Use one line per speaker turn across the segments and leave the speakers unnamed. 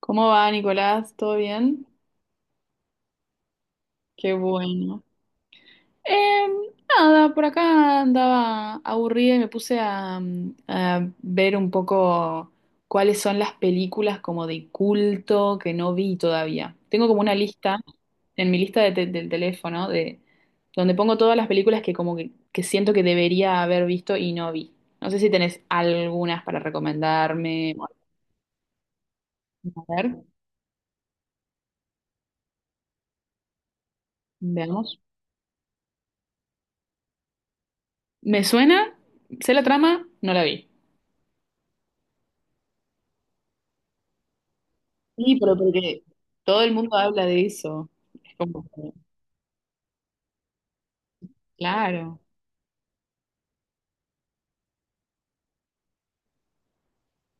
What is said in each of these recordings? ¿Cómo va, Nicolás? ¿Todo bien? Qué bueno. Em, nada, por acá andaba aburrida y me puse a a ver un poco cuáles son las películas como de culto que no vi todavía. Tengo como una lista en mi lista del teléfono de donde pongo todas las películas que que siento que debería haber visto y no vi. No sé si tenés algunas para recomendarme. A ver, veamos. ¿Me suena? ¿Sé la trama? No la vi. Sí, pero porque todo el mundo habla de eso. Es como, claro.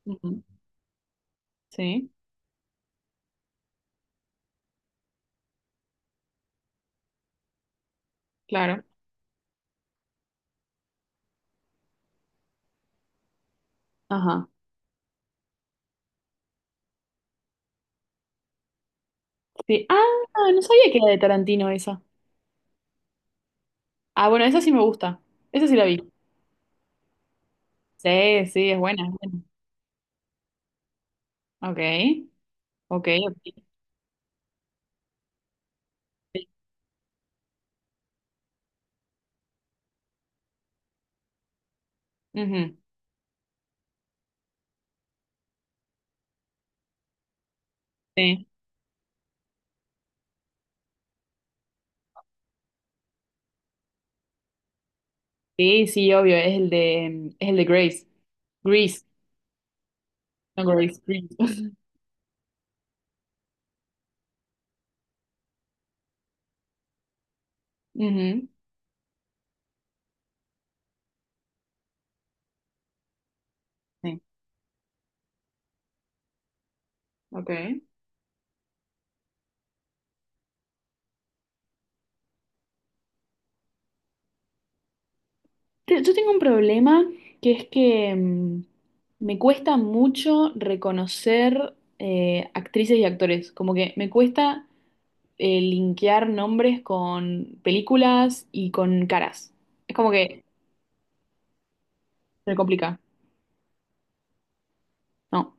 Ujú. Sí, claro. Ajá. Sí. Ah, no sabía que era de Tarantino esa. Ah, bueno, esa sí me gusta. Esa sí la vi. Sí, sí, es buena, es buena. Ok, ok, ok. Sí. Ujú. Sí. Sí, sí, obvio, es es el de Grace. Grace, no Grace, Grace. Ujú. Sí, ok. Yo tengo un problema que es que me cuesta mucho reconocer actrices y actores. Como que me cuesta linkear nombres con películas y con caras. Es como que me complica. No.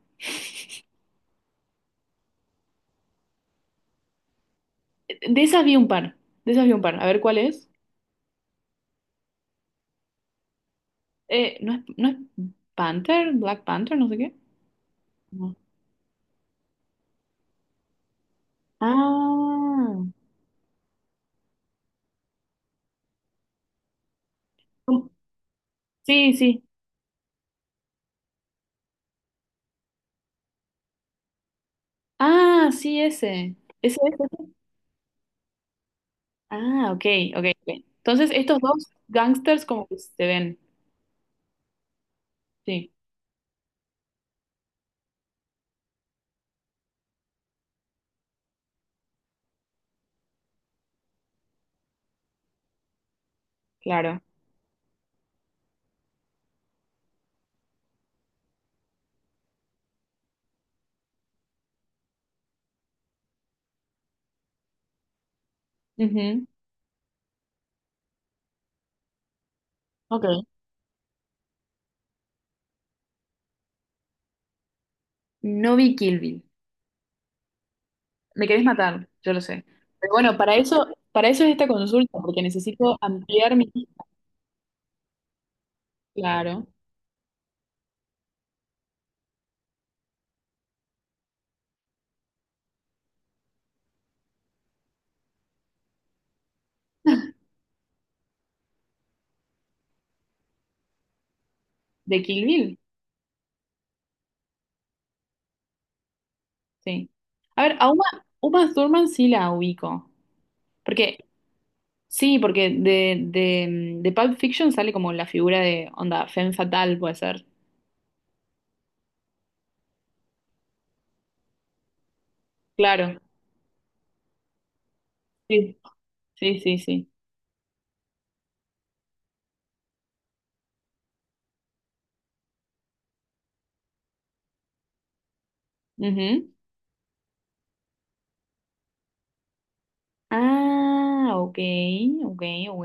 De esas vi un par. De esas vi un par. A ver cuál es. ¿No es Panther? ¿Black Panther? No sé qué. No. Ah. Sí, sí. Ah, sí, ese. Ese es. Ah, ok, ok, ok. Entonces, estos dos gangsters como que se ven. Sí, claro. Ujú, Ok. No vi Kill Bill. Me querés matar, yo lo sé. Pero bueno, para eso es esta consulta, porque necesito ampliar mi... Claro, de Kill Bill, sí. A ver, a Uma, Uma Thurman sí la ubico. Porque, sí, porque de Pulp Fiction sale como la figura de, onda, femme fatale puede ser. Claro, sí, sí, sí, sí. Ujú. Ah, ok, ok, ok.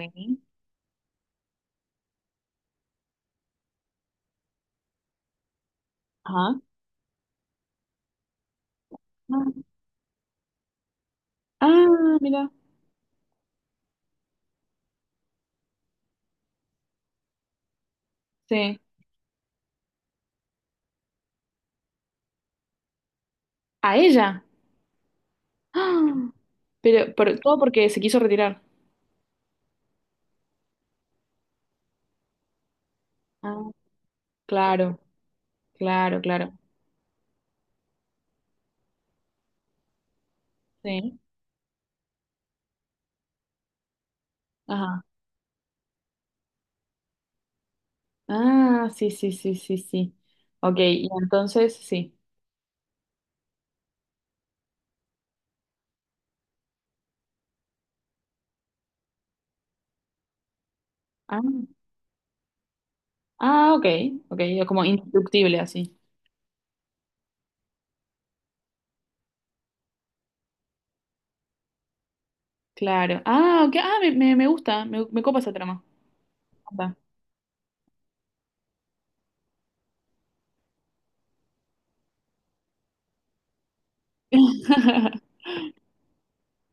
Ajá. Ah, ah, mira, sí. A ella. ¡Ah! Pero todo porque se quiso retirar. Ah, claro, claro, claro. Sí. Ajá. Ah, sí, sí, sí, sí, sí. Ok, y entonces sí. Ah, ah, ok, ok, como indestructible así. Claro. Ah, ok, ah, me gusta, me copa esa trama. Anda.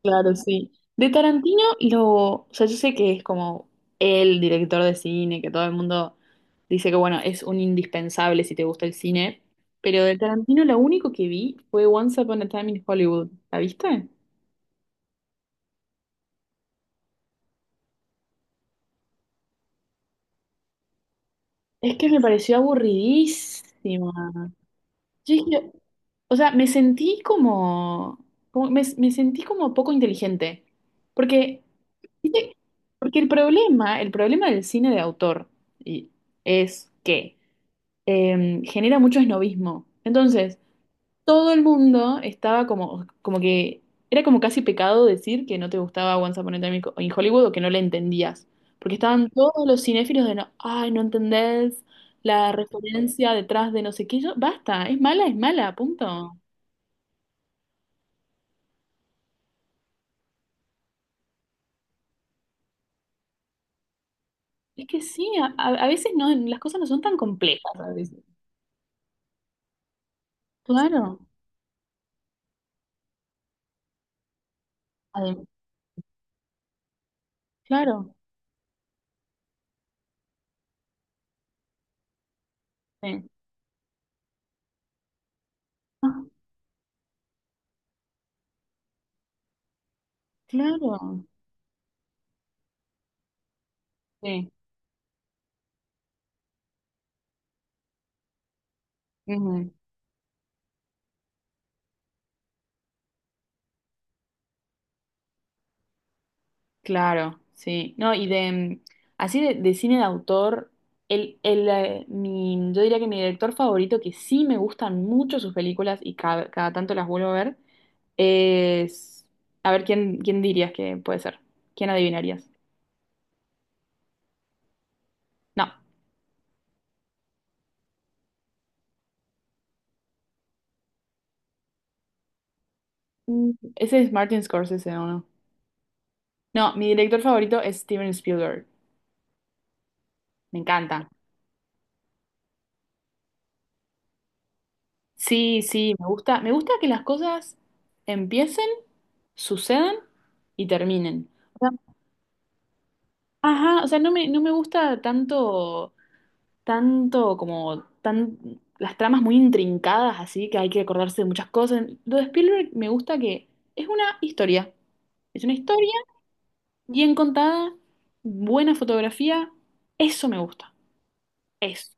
Claro, sí. De Tarantino, lo, o sea, yo sé que es como el director de cine, que todo el mundo dice que, bueno, es un indispensable si te gusta el cine, pero de Tarantino lo único que vi fue Once Upon a Time in Hollywood. ¿La viste? Es que me pareció aburridísima. Yo dije, o sea, me sentí como, me, me sentí como poco inteligente. Porque, ¿viste? Porque el problema del cine de autor y- es que genera mucho esnovismo. Entonces, todo el mundo estaba como, como que era como casi pecado decir que no te gustaba Once Upon a Time in Hollywood o que no le entendías, porque estaban todos los cinéfilos de no, ay, no entendés la referencia detrás de no sé qué, Yo, basta, es mala, punto. Es que sí, a veces no, las cosas no son tan complejas a veces. Claro, adem- claro, sí. Ah, claro, sí. Ujú. Claro, sí. No, y de así de cine de autor, yo diría que mi director favorito, que sí me gustan mucho sus películas y cada, cada tanto las vuelvo a ver, es... A ver, ¿quién, quién dirías que puede ser? ¿Quién adivinarías? No. Ese es Martin Scorsese, ¿o no? No, mi director favorito es Steven Spielberg. Me encanta. Sí, sí, me gusta. Me gusta que las cosas empiecen, sucedan y terminen. Ajá, o sea, no me, no me gusta tanto, tanto como tan, las tramas muy intrincadas, así que hay que acordarse de muchas cosas. Lo de Spielberg me gusta que es una historia. Es una historia bien contada, buena fotografía. Eso me gusta. Eso.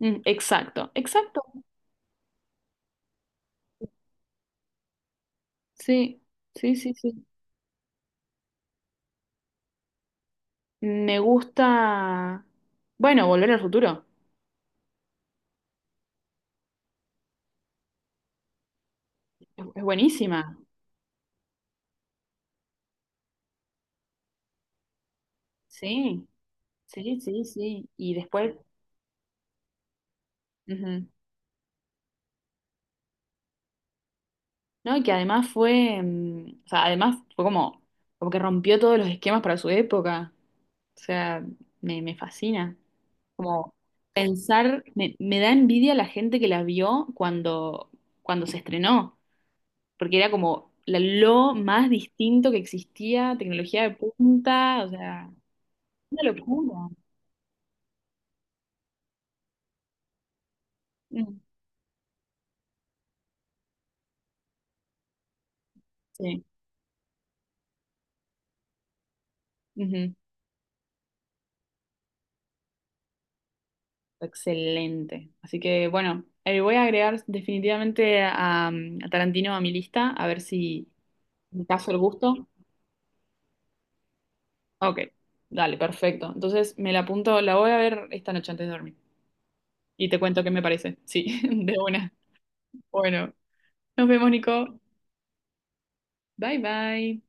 Exacto, exacto. Sí, sí, sí, sí. Me gusta. Bueno, Volver al futuro. Es buenísima. Sí, sí, sí, sí. Y después. Ujú. ¿No? Y que además fue, o sea, además fue como, como que rompió todos los esquemas para su época. O sea, me fascina. Como pensar, me da envidia la gente que la vio cuando, cuando se estrenó, porque era como lo más distinto que existía, tecnología de punta, o sea, una locura. Mm, sí. Excelente. Así que bueno, voy a agregar definitivamente a, a Tarantino a mi lista, a ver si me caso el gusto. Ok, dale, perfecto. Entonces me la apunto, la voy a ver esta noche antes de dormir. Y te cuento qué me parece. Sí, de una. Bueno, nos vemos, Nico. Bye, bye.